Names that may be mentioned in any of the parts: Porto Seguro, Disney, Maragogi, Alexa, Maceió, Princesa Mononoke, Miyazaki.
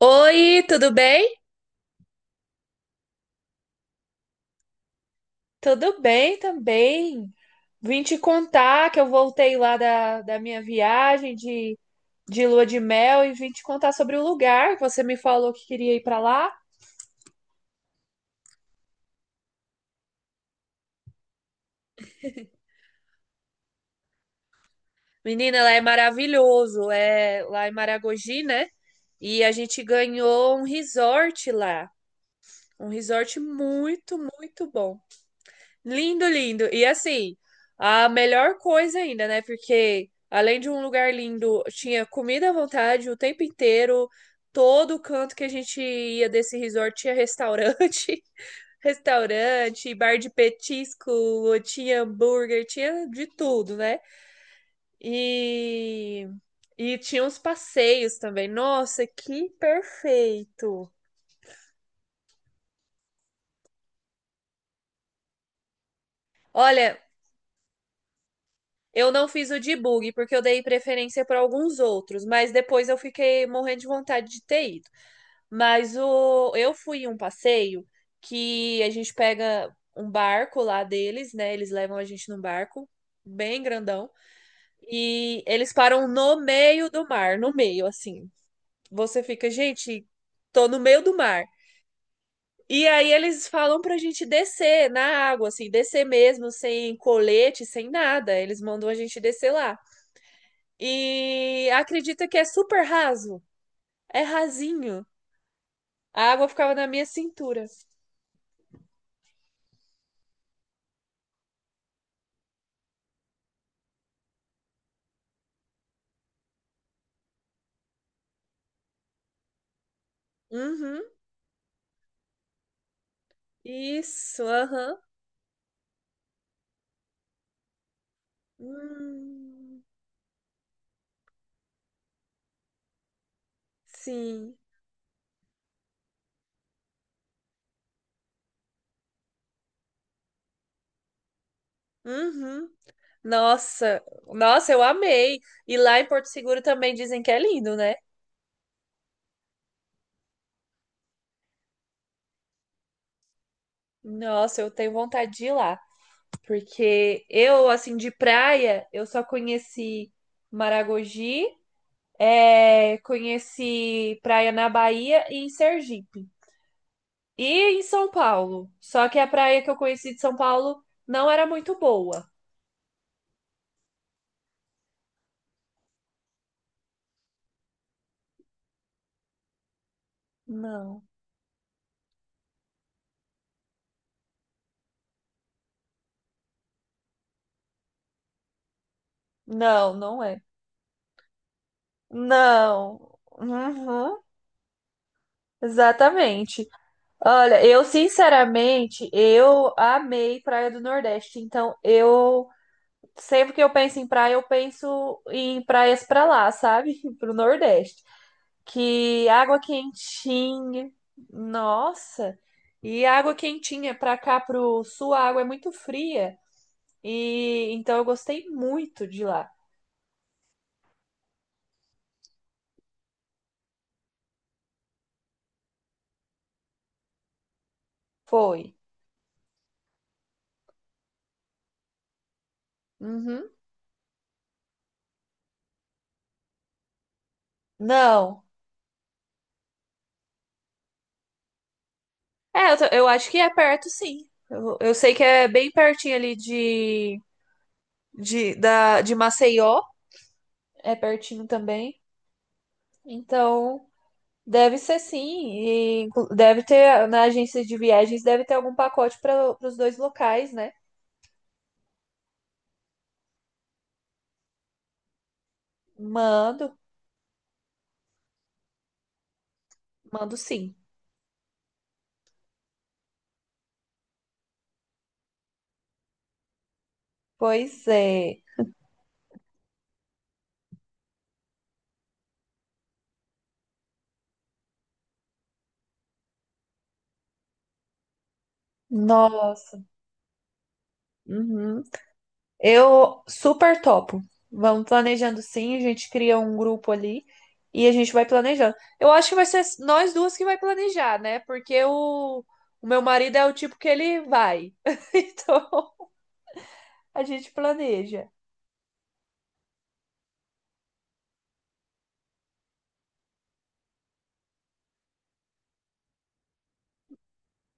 Oi, tudo bem? Tudo bem também. Vim te contar que eu voltei lá da minha viagem de lua de mel e vim te contar sobre o lugar que você me falou que queria ir para lá. Menina, lá é maravilhoso. É lá em Maragogi, né? E a gente ganhou um resort lá. Um resort muito, muito bom. Lindo, lindo. E assim, a melhor coisa ainda, né? Porque além de um lugar lindo, tinha comida à vontade o tempo inteiro. Todo canto que a gente ia desse resort tinha restaurante, restaurante, bar de petisco, tinha hambúrguer, tinha de tudo, né? E e tinha uns passeios também. Nossa, que perfeito! Olha, eu não fiz o debug, porque eu dei preferência para alguns outros, mas depois eu fiquei morrendo de vontade de ter ido. Mas eu fui em um passeio que a gente pega um barco lá deles, né? Eles levam a gente num barco bem grandão, e eles param no meio do mar, no meio, assim. Você fica, gente, tô no meio do mar. E aí eles falam pra gente descer na água, assim, descer mesmo, sem colete, sem nada. Eles mandam a gente descer lá. E acredita que é super raso. É rasinho. A água ficava na minha cintura. Uhum. Isso, aham. Hum, sim. Uhum. Nossa, nossa, eu amei. E lá em Porto Seguro também dizem que é lindo, né? Nossa, eu tenho vontade de ir lá, porque eu, assim, de praia, eu só conheci Maragogi, é, conheci praia na Bahia e em Sergipe. E em São Paulo. Só que a praia que eu conheci de São Paulo não era muito boa. Não, não é. Não. Uhum, exatamente. Olha, eu sinceramente, eu amei Praia do Nordeste. Então, eu sempre que eu penso em praia, eu penso em praias pra lá, sabe? Pro Nordeste. Que água quentinha. Nossa. E água quentinha pra cá pro sul, a água é muito fria. E então eu gostei muito de lá. Foi. Uhum. Não. É, tô- eu acho que é perto, sim. Eu sei que é bem pertinho ali de Maceió. É pertinho também. Então, deve ser sim. E inclu- deve ter, na agência de viagens, deve ter algum pacote para os dois locais, né? Mando, mando sim. Pois é. Nossa. Uhum. Eu super topo. Vamos planejando sim, a gente cria um grupo ali e a gente vai planejando. Eu acho que vai ser nós duas que vai planejar, né? Porque o meu marido é o tipo que ele vai. Então a gente planeja.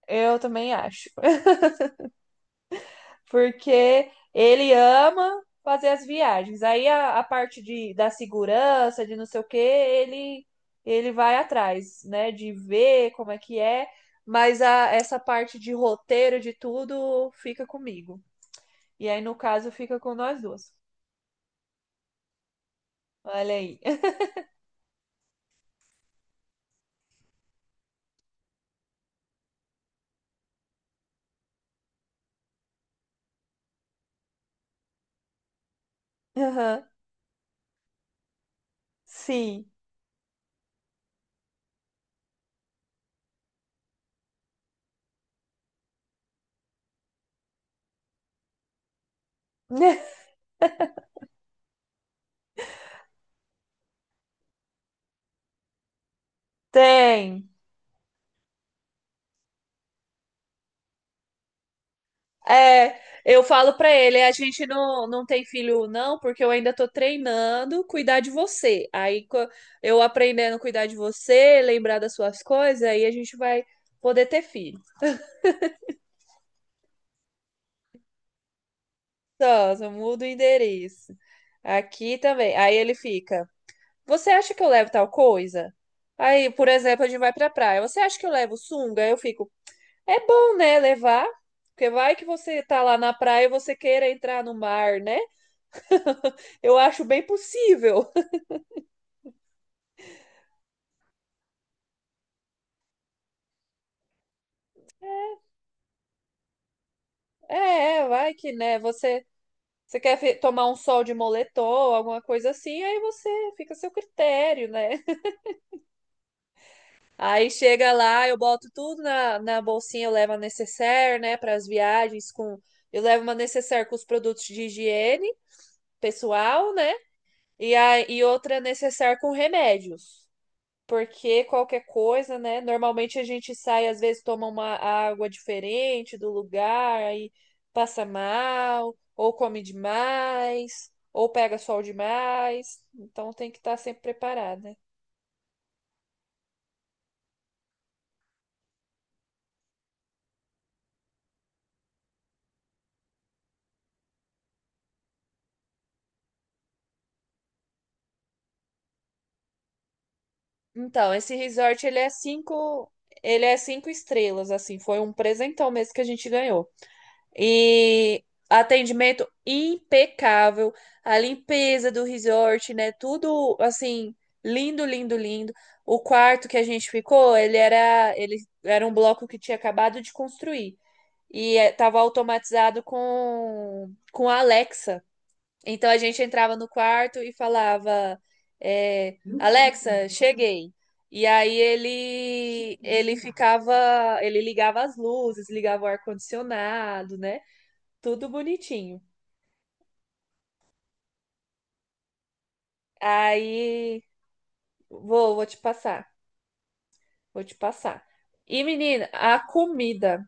Eu também acho. Porque ele ama fazer as viagens. Aí a parte da segurança, de não sei o quê, ele vai atrás, né? De ver como é que é. Mas essa parte de roteiro, de tudo, fica comigo. E aí, no caso, fica com nós duas. Olha aí. Aham. Sim. Tem. É, eu falo pra ele, a gente não tem filho não, porque eu ainda tô treinando cuidar de você. Eu aprendendo a cuidar de você, lembrar das suas coisas, aí a gente vai poder ter filho. Só, só muda o endereço. Aqui também. Aí ele fica, você acha que eu levo tal coisa? Aí, por exemplo, a gente vai pra praia. Você acha que eu levo sunga? Aí eu fico, é bom, né, levar? Porque vai que você tá lá na praia e você queira entrar no mar, né? Eu acho bem possível. É, é, vai que, né? Você, você quer fe- tomar um sol de moletom, alguma coisa assim, aí você fica a seu critério, né? Aí chega lá, eu boto tudo na bolsinha, eu levo a necessaire, né? Para as viagens, com eu levo uma necessaire com os produtos de higiene pessoal, né? E, a, e outra necessaire com remédios. Porque qualquer coisa, né? Normalmente a gente sai, às vezes toma uma água diferente do lugar, aí passa mal, ou come demais, ou pega sol demais. Então tem que estar sempre preparado, né? Então, esse resort ele é 5 estrelas, assim, foi um presentão mesmo que a gente ganhou. E atendimento impecável, a limpeza do resort, né? Tudo assim, lindo, lindo, lindo. O quarto que a gente ficou, ele era um bloco que tinha acabado de construir e estava automatizado com a Alexa. Então a gente entrava no quarto e falava, é, Alexa, cheguei. E aí ele ficava, ele ligava as luzes, ligava o ar condicionado, né? Tudo bonitinho. Aí, vou, vou te passar, vou te passar. E, menina, a comida,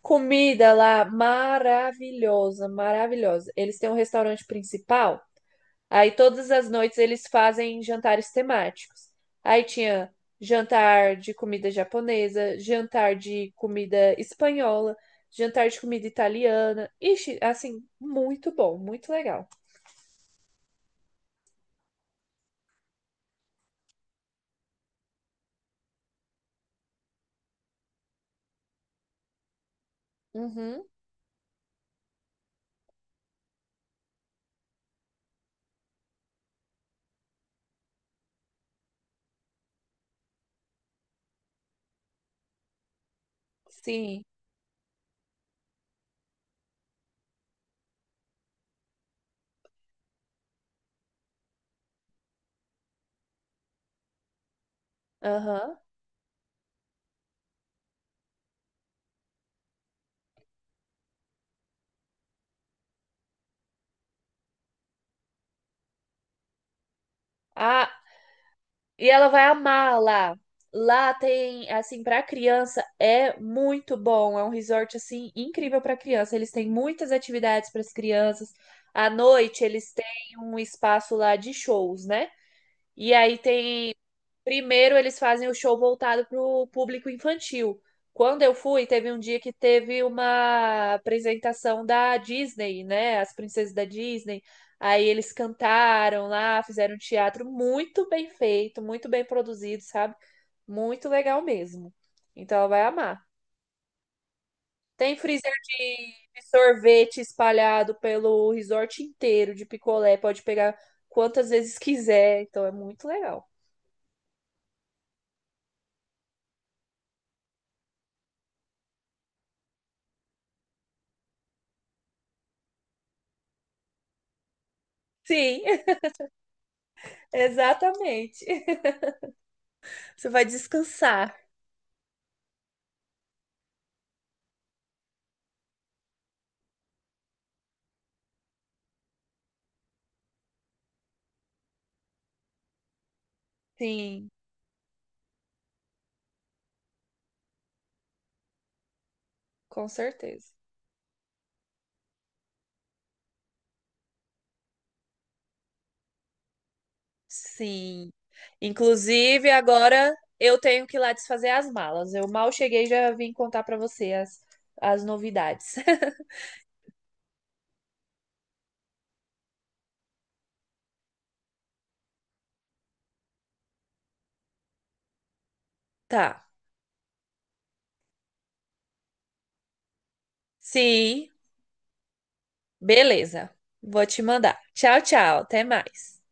comida lá maravilhosa, maravilhosa. Eles têm um restaurante principal, aí todas as noites eles fazem jantares temáticos. Aí tinha jantar de comida japonesa, jantar de comida espanhola, jantar de comida italiana. Ixi, assim, muito bom, muito legal. Uhum, sim, aham. Ah, e ela vai amar lá. Lá tem, assim, para criança é muito bom. É um resort assim incrível para criança. Eles têm muitas atividades para as crianças. À noite eles têm um espaço lá de shows, né? E aí tem. Primeiro eles fazem o show voltado para o público infantil. Quando eu fui, teve um dia que teve uma apresentação da Disney, né? As princesas da Disney. Aí eles cantaram lá, fizeram um teatro muito bem feito, muito bem produzido, sabe? Muito legal mesmo. Então ela vai amar. Tem freezer de sorvete espalhado pelo resort inteiro de picolé. Pode pegar quantas vezes quiser. Então é muito legal. Sim. Exatamente. Você vai descansar. Sim, com certeza. Sim. Inclusive, agora eu tenho que ir lá desfazer as malas. Eu mal cheguei, e já vim contar pra você as novidades. Tá. Sim, beleza. Vou te mandar. Tchau, tchau. Até mais.